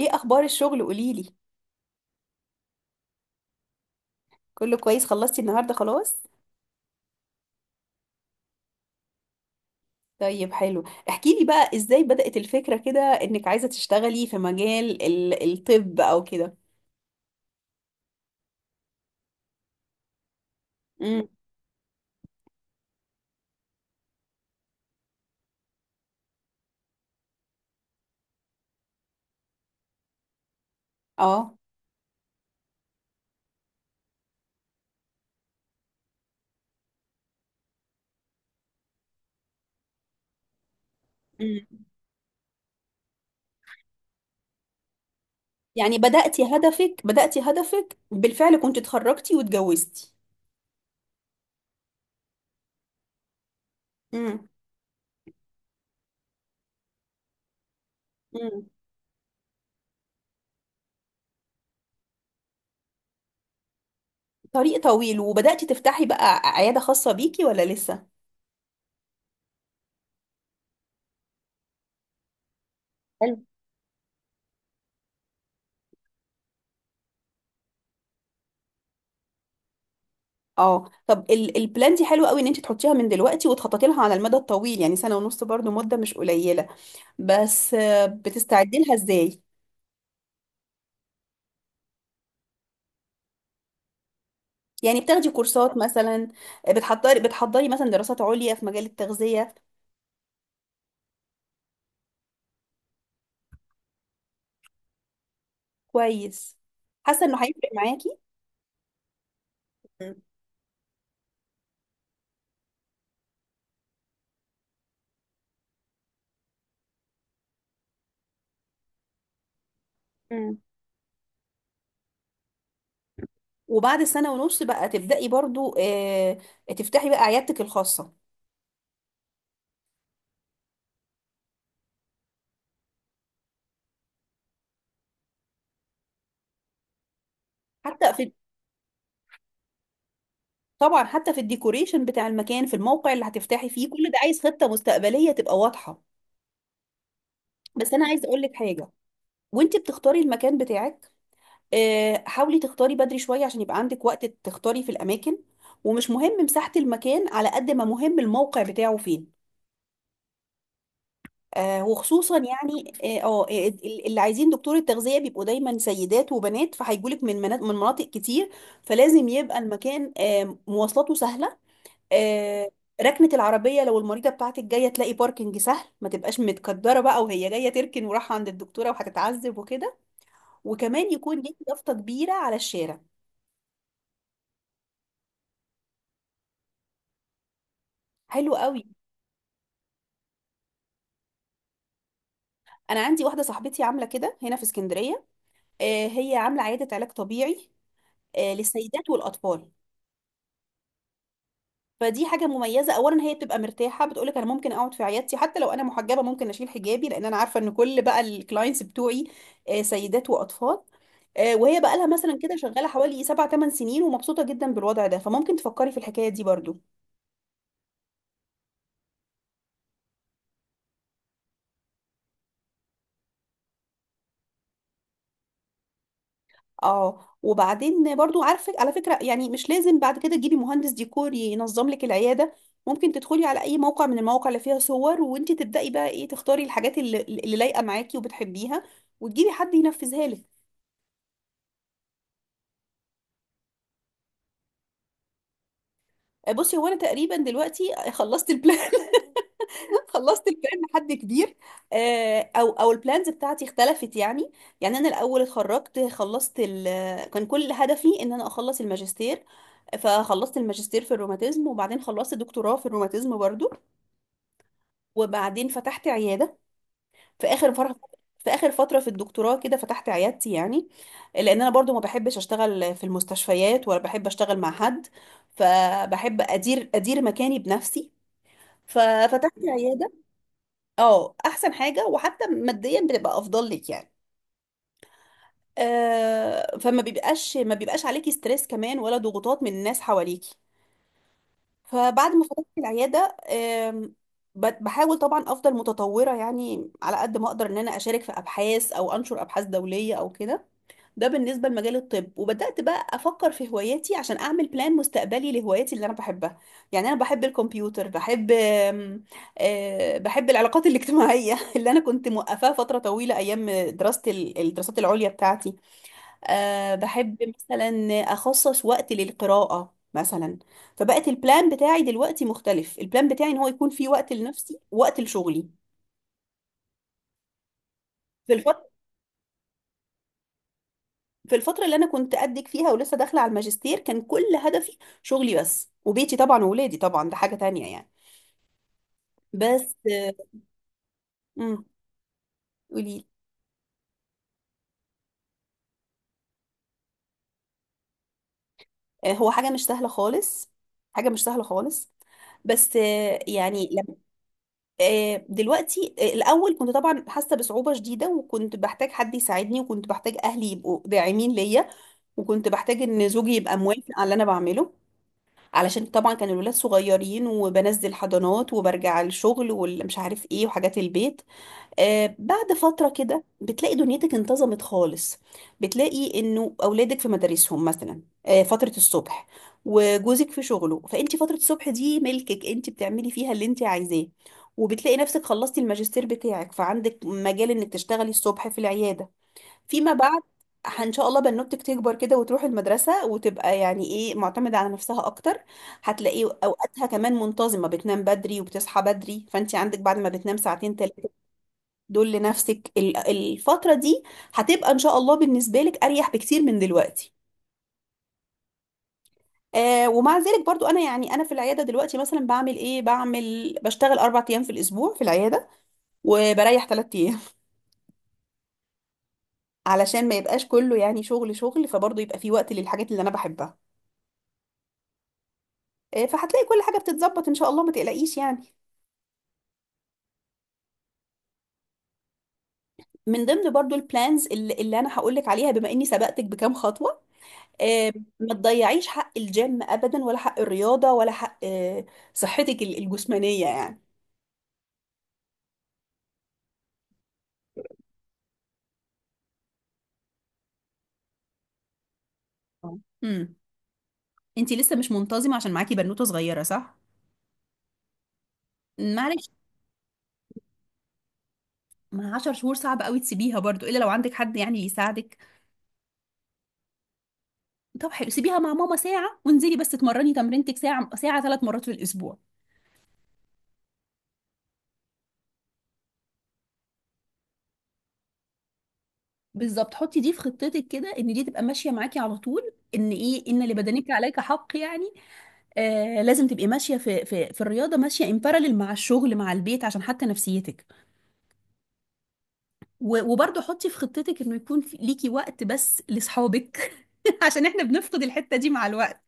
ايه اخبار الشغل قوليلي؟ كله كويس، خلصتي النهارده خلاص؟ طيب حلو، احكيلي بقى ازاي بدأت الفكرة كده انك عايزة تشتغلي في مجال الطب او كده. امم اه امم. يعني بدأتي هدفك بالفعل، كنت اتخرجتي واتجوزتي. امم امم. طريق طويل. وبدأتي تفتحي بقى عيادة خاصة بيكي ولا لسه؟ حلو. اه، طب البلان دي حلوه قوي ان انت تحطيها من دلوقتي وتخططي لها على المدى الطويل، يعني سنه ونص برضو مده مش قليله. بس بتستعدي لها ازاي؟ يعني بتاخدي كورسات مثلا، بتحضري مثلا دراسات عليا في مجال التغذية؟ كويس. حاسة انه هيفرق معاكي. مم. مم. وبعد سنة ونص بقى تبدأي برضو، تفتحي بقى عيادتك الخاصة. حتى في طبعا حتى في الديكوريشن بتاع المكان، في الموقع اللي هتفتحي فيه، كل ده عايز خطة مستقبلية تبقى واضحة. بس انا عايزة اقول لك حاجة وانت بتختاري المكان بتاعك: حاولي تختاري بدري شوية عشان يبقى عندك وقت تختاري في الأماكن. ومش مهم مساحة المكان على قد ما مهم الموقع بتاعه فين. آه وخصوصا يعني اه آه، آه، ال- اللي عايزين دكتور التغذية بيبقوا دايما سيدات وبنات، فهيجولك من من مناطق كتير. فلازم يبقى المكان آه مواصلاته سهلة. آه، ركنة العربية، لو المريضة بتاعتك جاية تلاقي باركنج سهل ما تبقاش متكدرة بقى وهي جاية تركن وراح عند الدكتورة وهتتعذب وكده. وكمان يكون ليكي يافطة كبيرة على الشارع. حلو قوي. انا عندي واحده صاحبتي عامله كده هنا في اسكندريه، هي عامله عياده علاج طبيعي، للسيدات والاطفال. فدي حاجه مميزه، اولا هي بتبقى مرتاحه، بتقولك انا ممكن اقعد في عيادتي حتى لو انا محجبه، ممكن اشيل حجابي لان انا عارفه ان كل بقى الكلاينتس بتوعي سيدات واطفال. وهي بقى لها مثلا كده شغاله حوالي 7 8 سنين ومبسوطه جدا بالوضع ده، فممكن تفكري في الحكايه دي برضو. اه، وبعدين برضو عارفه على فكره، يعني مش لازم بعد كده تجيبي مهندس ديكور ينظم لك العياده. ممكن تدخلي على اي موقع من المواقع اللي فيها صور وانت تبداي بقى ايه تختاري الحاجات اللي لايقه معاكي وبتحبيها، وتجيبي حد ينفذها لك. بصي، هو انا تقريبا دلوقتي خلصت البلان خلصت البلان لحد كبير. او البلانز بتاعتي اختلفت يعني. يعني انا الاول اتخرجت، خلصت كان كل هدفي ان انا اخلص الماجستير. فخلصت الماجستير في الروماتيزم وبعدين خلصت دكتوراه في الروماتيزم برضو. وبعدين فتحت عيادة في اخر في اخر فترة في الدكتوراه كده فتحت عيادتي يعني. لان انا برضو ما بحبش اشتغل في المستشفيات ولا بحب اشتغل مع حد، فبحب ادير مكاني بنفسي. ففتحت عيادة. اه احسن حاجه، وحتى ماديا بتبقى افضل لك يعني. آه، فما بيبقاش ما بيبقاش عليكي ستريس كمان ولا ضغوطات من الناس حواليكي. فبعد ما فتحت العياده، بحاول طبعا افضل متطوره يعني على قد ما اقدر ان انا اشارك في ابحاث او انشر ابحاث دوليه او كده. ده بالنسبة لمجال الطب. وبدأت بقى أفكر في هواياتي عشان أعمل بلان مستقبلي لهواياتي اللي أنا بحبها. يعني أنا بحب الكمبيوتر، بحب آم، آه، بحب العلاقات الاجتماعية اللي أنا كنت موقفاها فترة طويلة أيام دراستي الدراسات العليا بتاعتي. بحب مثلا أخصص وقت للقراءة مثلا. فبقت البلان بتاعي دلوقتي مختلف، البلان بتاعي إن هو يكون في وقت لنفسي ووقت لشغلي. في الفترة في الفترة اللي أنا كنت قدك فيها ولسه داخلة على الماجستير كان كل هدفي شغلي بس، وبيتي طبعا وولادي طبعا ده حاجة تانية يعني. بس امم قولي. هو حاجة مش سهلة خالص، حاجة مش سهلة خالص. بس دلوقتي، الأول كنت طبعا حاسة بصعوبة شديدة، وكنت بحتاج حد يساعدني وكنت بحتاج أهلي يبقوا داعمين ليا وكنت بحتاج ان زوجي يبقى موافق على اللي انا بعمله، علشان طبعا كان الولاد صغيرين وبنزل حضانات وبرجع الشغل والمش عارف ايه وحاجات البيت. بعد فترة كده بتلاقي دنيتك انتظمت خالص. بتلاقي انه اولادك في مدارسهم مثلا فترة الصبح، وجوزك في شغله، فانت فترة الصبح دي ملكك، انت بتعملي فيها اللي انت عايزاه. وبتلاقي نفسك خلصتي الماجستير بتاعك فعندك مجال انك تشتغلي الصبح في العيادة فيما بعد. ان شاء الله بنوتك تكبر كده وتروح المدرسة وتبقى يعني ايه معتمدة على نفسها اكتر، هتلاقي اوقاتها كمان منتظمة، بتنام بدري وبتصحى بدري، فانت عندك بعد ما بتنام ساعتين دول لنفسك. الفترة دي هتبقى إن شاء الله بالنسبة لك أريح بكتير من دلوقتي. آه، ومع ذلك برضو أنا يعني أنا في العيادة دلوقتي مثلا بعمل إيه، بعمل بشتغل أربع أيام في الأسبوع في العيادة وبريح تلات أيام علشان ما يبقاش كله يعني شغل شغل، فبرضو يبقى في وقت للحاجات اللي أنا بحبها. فهتلاقي كل حاجة بتتظبط إن شاء الله ما تقلقيش يعني. من ضمن برضو البلانز اللي أنا هقولك عليها بما إني سبقتك بكام خطوة، آه، ما تضيعيش حق الجيم ابدا ولا حق الرياضه ولا حق، صحتك الجسمانيه يعني. آه. امم. انتي لسه مش منتظمه عشان معاكي بنوته صغيره صح؟ معلش. ما 10 شهور صعب قوي تسيبيها برضو، الا لو عندك حد يعني يساعدك. طب حلو، سيبيها مع ماما ساعه وانزلي بس اتمرني تمرينتك ساعه ساعه، ثلاث مرات في الاسبوع. بالظبط، حطي دي في خطتك كده ان دي تبقى ماشيه معاكي على طول، ان ايه ان لبدنك عليك حق يعني. آه، لازم تبقي ماشيه في الرياضه، ماشيه امبارالل مع الشغل مع البيت، عشان حتى نفسيتك. وبرضه حطي في خطتك انه يكون ليكي وقت بس لاصحابك عشان احنا بنفقد الحته دي مع الوقت.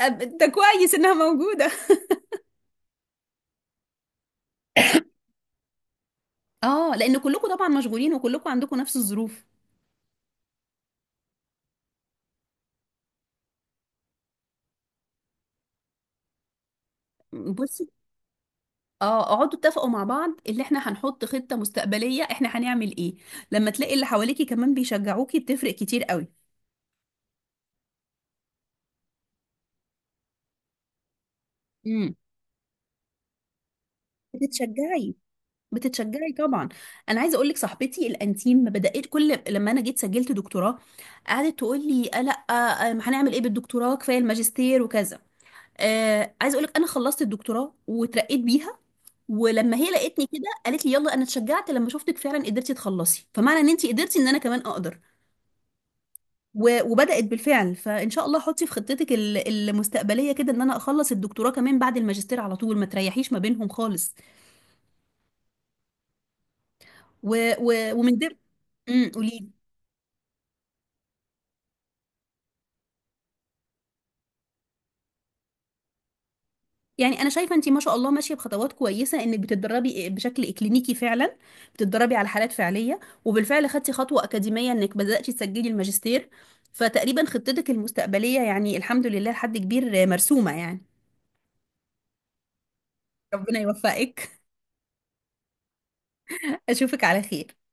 ده كويس انها موجوده. اه لان كلكم طبعا مشغولين وكلكم عندكم نفس الظروف. بصي، اه، اقعدوا اتفقوا مع بعض اللي احنا هنحط خطه مستقبليه، احنا هنعمل ايه. لما تلاقي اللي حواليكي كمان بيشجعوكي بتفرق كتير قوي. امم. بتتشجعي بتتشجعي طبعا. انا عايزه اقول لك، صاحبتي الانتيم ما بدات كل لما انا جيت سجلت دكتوراه، قعدت تقول لي آه لا، آه ما هنعمل ايه بالدكتوراه، كفايه الماجستير وكذا. آه، عايزه اقول لك انا خلصت الدكتوراه وترقيت بيها. ولما هي لقيتني كده قالت لي يلا، انا اتشجعت لما شفتك فعلا قدرتي تخلصي، فمعنى ان انت قدرتي ان انا كمان اقدر. وبدات بالفعل. فان شاء الله حطي في خطتك المستقبليه كده ان انا اخلص الدكتوراه كمان بعد الماجستير على طول، ما تريحيش ما بينهم خالص. و... ومن ده قولي. يعني انا شايفه انت ما شاء الله ماشيه بخطوات كويسه، انك بتتدربي بشكل اكلينيكي فعلا، بتتدربي على حالات فعليه، وبالفعل خدتي خطوه اكاديميه انك بداتي تسجلي الماجستير. فتقريبا خطتك المستقبليه يعني الحمد لله لحد كبير مرسومه يعني. ربنا يوفقك. اشوفك على خير.